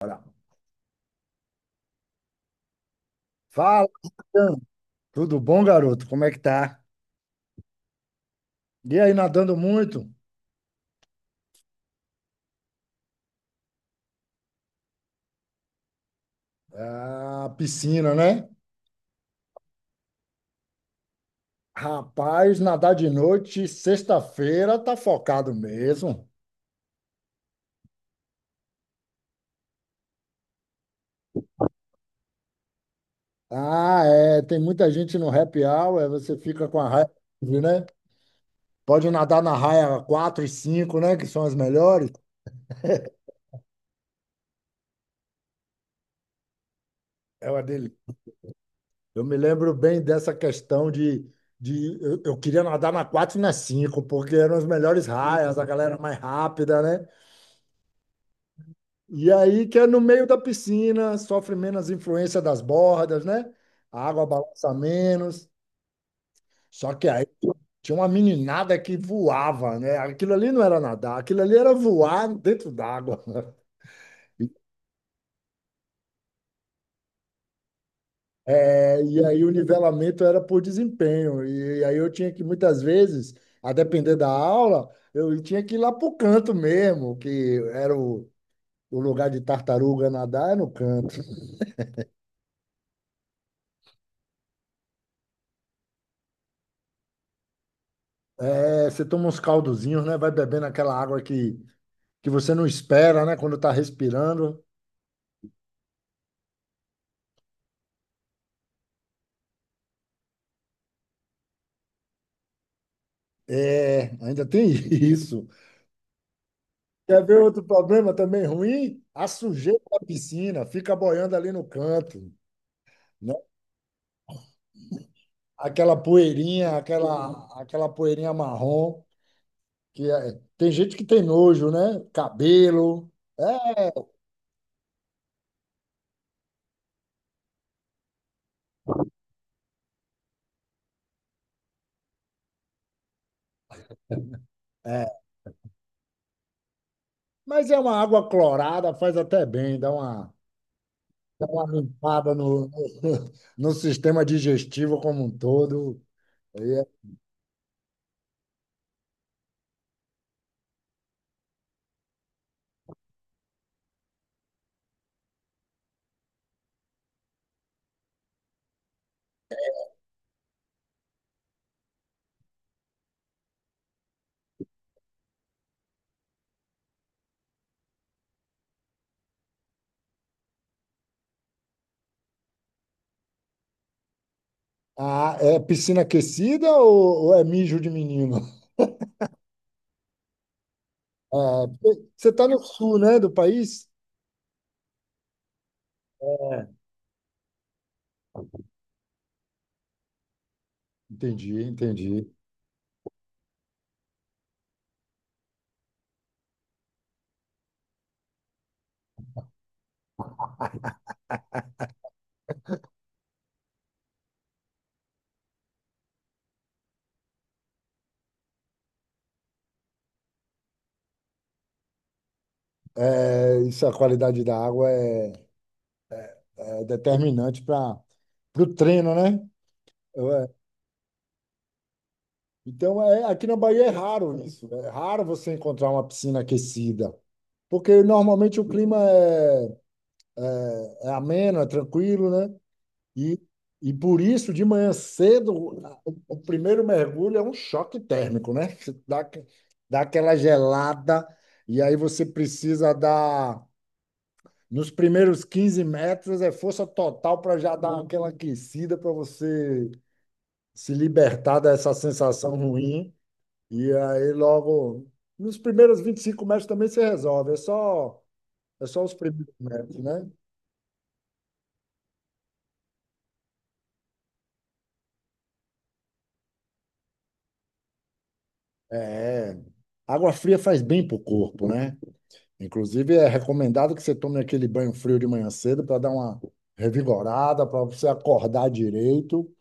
Bora. Fala, Natan. Tudo bom, garoto? Como é que tá? E aí, nadando muito? Ah, piscina, né? Rapaz, nadar de noite, sexta-feira, tá focado mesmo. Ah, é, tem muita gente no happy hour, é, você fica com a raia livre, né? Pode nadar na raia 4 e 5, né? Que são as melhores. É uma delícia. Eu me lembro bem dessa questão de eu queria nadar na 4 e na 5 porque eram as melhores raias, a galera mais rápida, né? E aí que é no meio da piscina, sofre menos influência das bordas, né? A água balança menos. Só que aí tinha uma meninada que voava, né? Aquilo ali não era nadar, aquilo ali era voar dentro d'água. É, e aí o nivelamento era por desempenho. E aí eu tinha que, muitas vezes, a depender da aula, eu tinha que ir lá pro canto mesmo, que era o lugar de tartaruga nadar, é no canto. É, você toma uns caldozinhos, né? Vai bebendo aquela água que você não espera, né? Quando está respirando. É, ainda tem isso. Quer ver outro problema também ruim? A sujeira da piscina fica boiando ali no canto, né? Aquela poeirinha, aquela poeirinha marrom, tem gente que tem nojo, né? Cabelo. É, é. Mas é uma água clorada, faz até bem, dá uma limpada no sistema digestivo como um todo. É, ah, é piscina aquecida ou é mijo de menino? Ah, você está no sul, né, do país? É. Entendi, entendi. É, isso, a qualidade da água é determinante para o treino, né? É, então, é, aqui na Bahia é raro isso. É raro você encontrar uma piscina aquecida, porque normalmente o clima é ameno, é tranquilo, né? E, e por isso, de manhã cedo, o primeiro mergulho é um choque térmico, né? Você dá aquela gelada, e aí você precisa dar. Nos primeiros 15 metros é força total para já dar aquela aquecida para você se libertar dessa sensação ruim. E aí, logo, nos primeiros 25 metros também se resolve. É só os primeiros metros, né? É. Água fria faz bem para o corpo, né? Inclusive, é recomendado que você tome aquele banho frio de manhã cedo para dar uma revigorada, para você acordar direito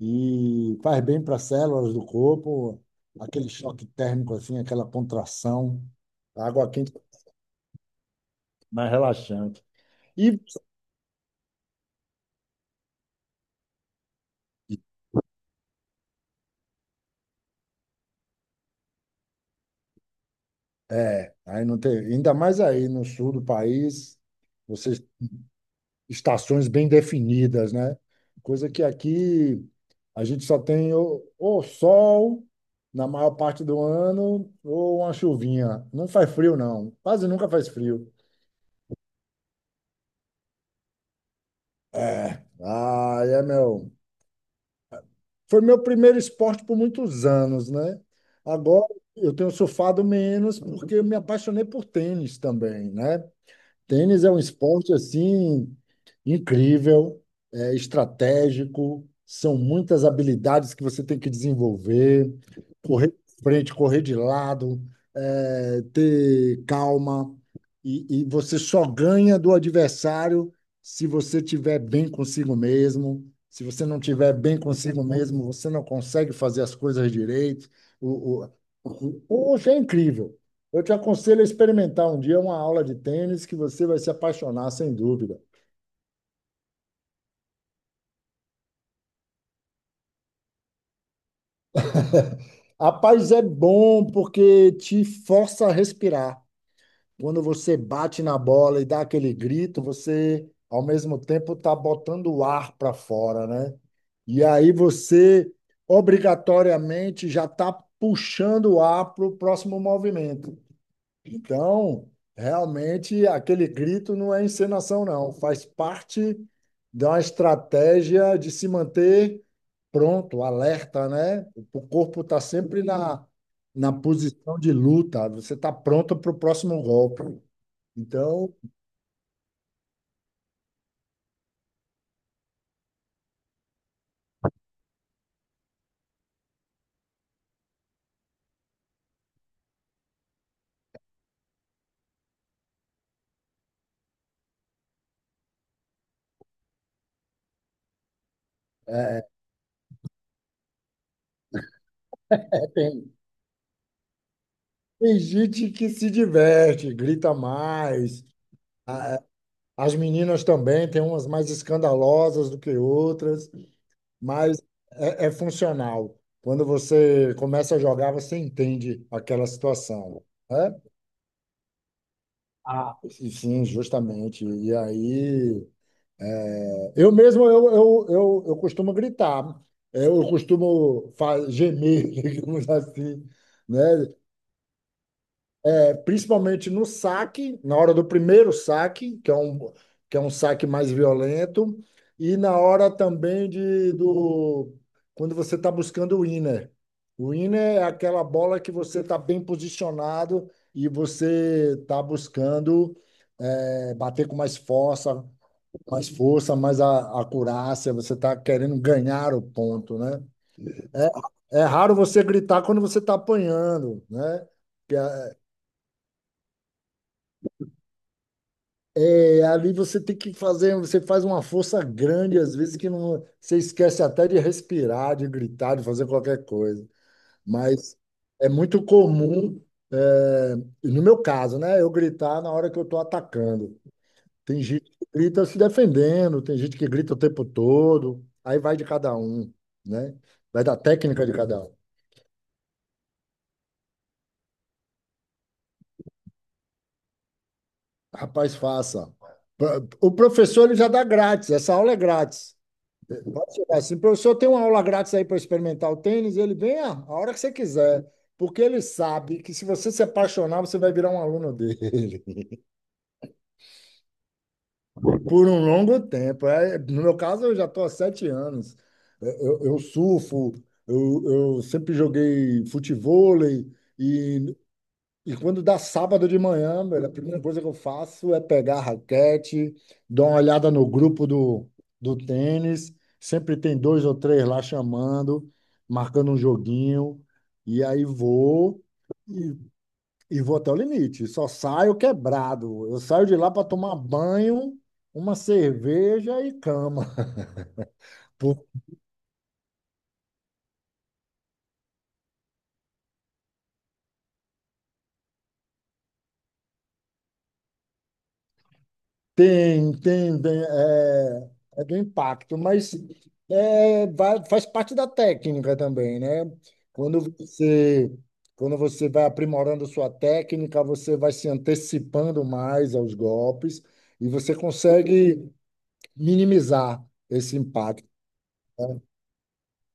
e faz bem para as células do corpo, aquele choque térmico assim, aquela contração. A água quente é mais relaxante. E é, aí não tem, ainda mais aí no sul do país, vocês estações bem definidas, né? Coisa que aqui a gente só tem ou sol na maior parte do ano ou uma chuvinha. Não faz frio, não. Quase nunca faz frio. É. Ah, é meu. Foi meu primeiro esporte por muitos anos, né? Agora eu tenho surfado menos porque eu me apaixonei por tênis também, né? Tênis é um esporte assim incrível, é estratégico, são muitas habilidades que você tem que desenvolver, correr de frente, correr de lado, é, ter calma, e você só ganha do adversário se você tiver bem consigo mesmo. Se você não tiver bem consigo mesmo, você não consegue fazer as coisas direito. O, o, o- hoje é incrível. Eu te aconselho a experimentar um dia uma aula de tênis que você vai se apaixonar, sem dúvida. Rapaz, é bom porque te força a respirar. Quando você bate na bola e dá aquele grito, você, ao mesmo tempo, está botando o ar para fora, né? E aí você, obrigatoriamente, já está puxando o ar para o próximo movimento. Então, realmente, aquele grito não é encenação, não. Faz parte de uma estratégia de se manter pronto, alerta, né? O corpo está sempre na posição de luta. Você está pronto para o próximo golpe. Então, depende. Tem gente que se diverte, grita mais. A- As meninas também, tem umas mais escandalosas do que outras. Mas é funcional. Quando você começa a jogar, você entende aquela situação, né? Ah, e sim, justamente. E aí, eu mesmo eu costumo gritar, eu costumo gemer, digamos assim, né? Principalmente no saque, na hora do primeiro saque, que é um saque mais violento, e na hora também de do quando você está buscando o winner. O winner é aquela bola que você está bem posicionado e você está buscando bater com mais força, mais força, mais acurácia, você está querendo ganhar o ponto, né? É, é raro você gritar quando você está apanhando, né? Que é- É, ali você tem que fazer, você faz uma força grande, às vezes que não, você esquece até de respirar, de gritar, de fazer qualquer coisa. Mas é muito comum, é, no meu caso, né, eu gritar na hora que eu estou atacando. Tem gente que grita se defendendo, tem gente que grita o tempo todo, aí vai de cada um, né? Vai da técnica de cada um. Rapaz, faça. O professor ele já dá grátis, essa aula é grátis. Pode chegar assim, professor, tem uma aula grátis aí para experimentar o tênis, ele vem a hora que você quiser, porque ele sabe que se você se apaixonar, você vai virar um aluno dele por um longo tempo. É, no meu caso, eu já estou há 7 anos. Eu surfo, eu, eu sempre joguei futevôlei e E quando dá sábado de manhã, velho, a primeira coisa que eu faço é pegar a raquete, dar uma olhada no grupo do tênis. Sempre tem dois ou três lá chamando, marcando um joguinho. E aí vou e, e vou até o limite. Só saio quebrado. Eu saio de lá para tomar banho, uma cerveja e cama. Tem, bem, é do impacto, mas faz parte da técnica também, né? Quando você, quando você vai aprimorando sua técnica, você vai se antecipando mais aos golpes e você consegue minimizar esse impacto.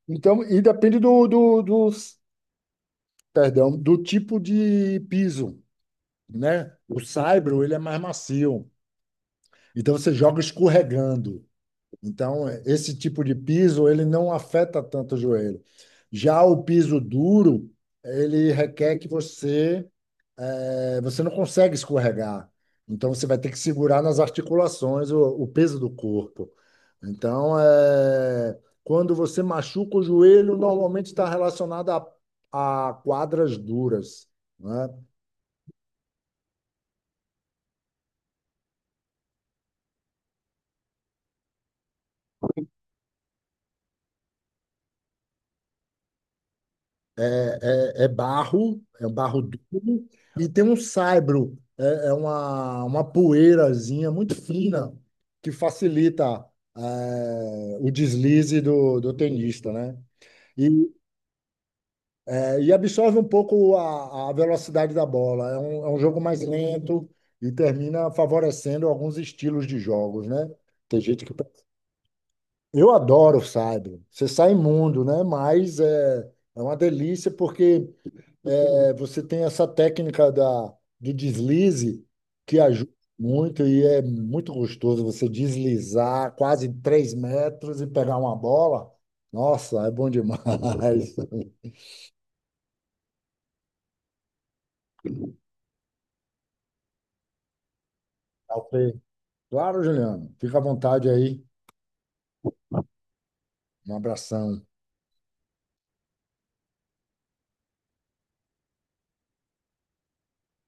Então, e depende perdão, do tipo de piso, né? O saibro, ele é mais macio, então você joga escorregando. Então, esse tipo de piso, ele não afeta tanto o joelho. Já o piso duro, ele requer que você não consegue escorregar. Então, você vai ter que segurar nas articulações o peso do corpo. Então, quando você machuca o joelho, normalmente está relacionado a quadras duras, né? é, é barro, é um barro duro, e tem um saibro, é uma poeirazinha muito fina que facilita o deslize do tenista, né? E, e absorve um pouco a velocidade da bola. É um jogo mais lento e termina favorecendo alguns estilos de jogos, né? Tem gente que. Eu adoro o saibro. Você sai imundo, né? Mas é uma delícia porque você tem essa técnica do deslize que ajuda muito e é muito gostoso você deslizar quase 3 metros e pegar uma bola. Nossa, é bom demais. Tá ok. Claro, Juliano. Fica à vontade aí. Um abração.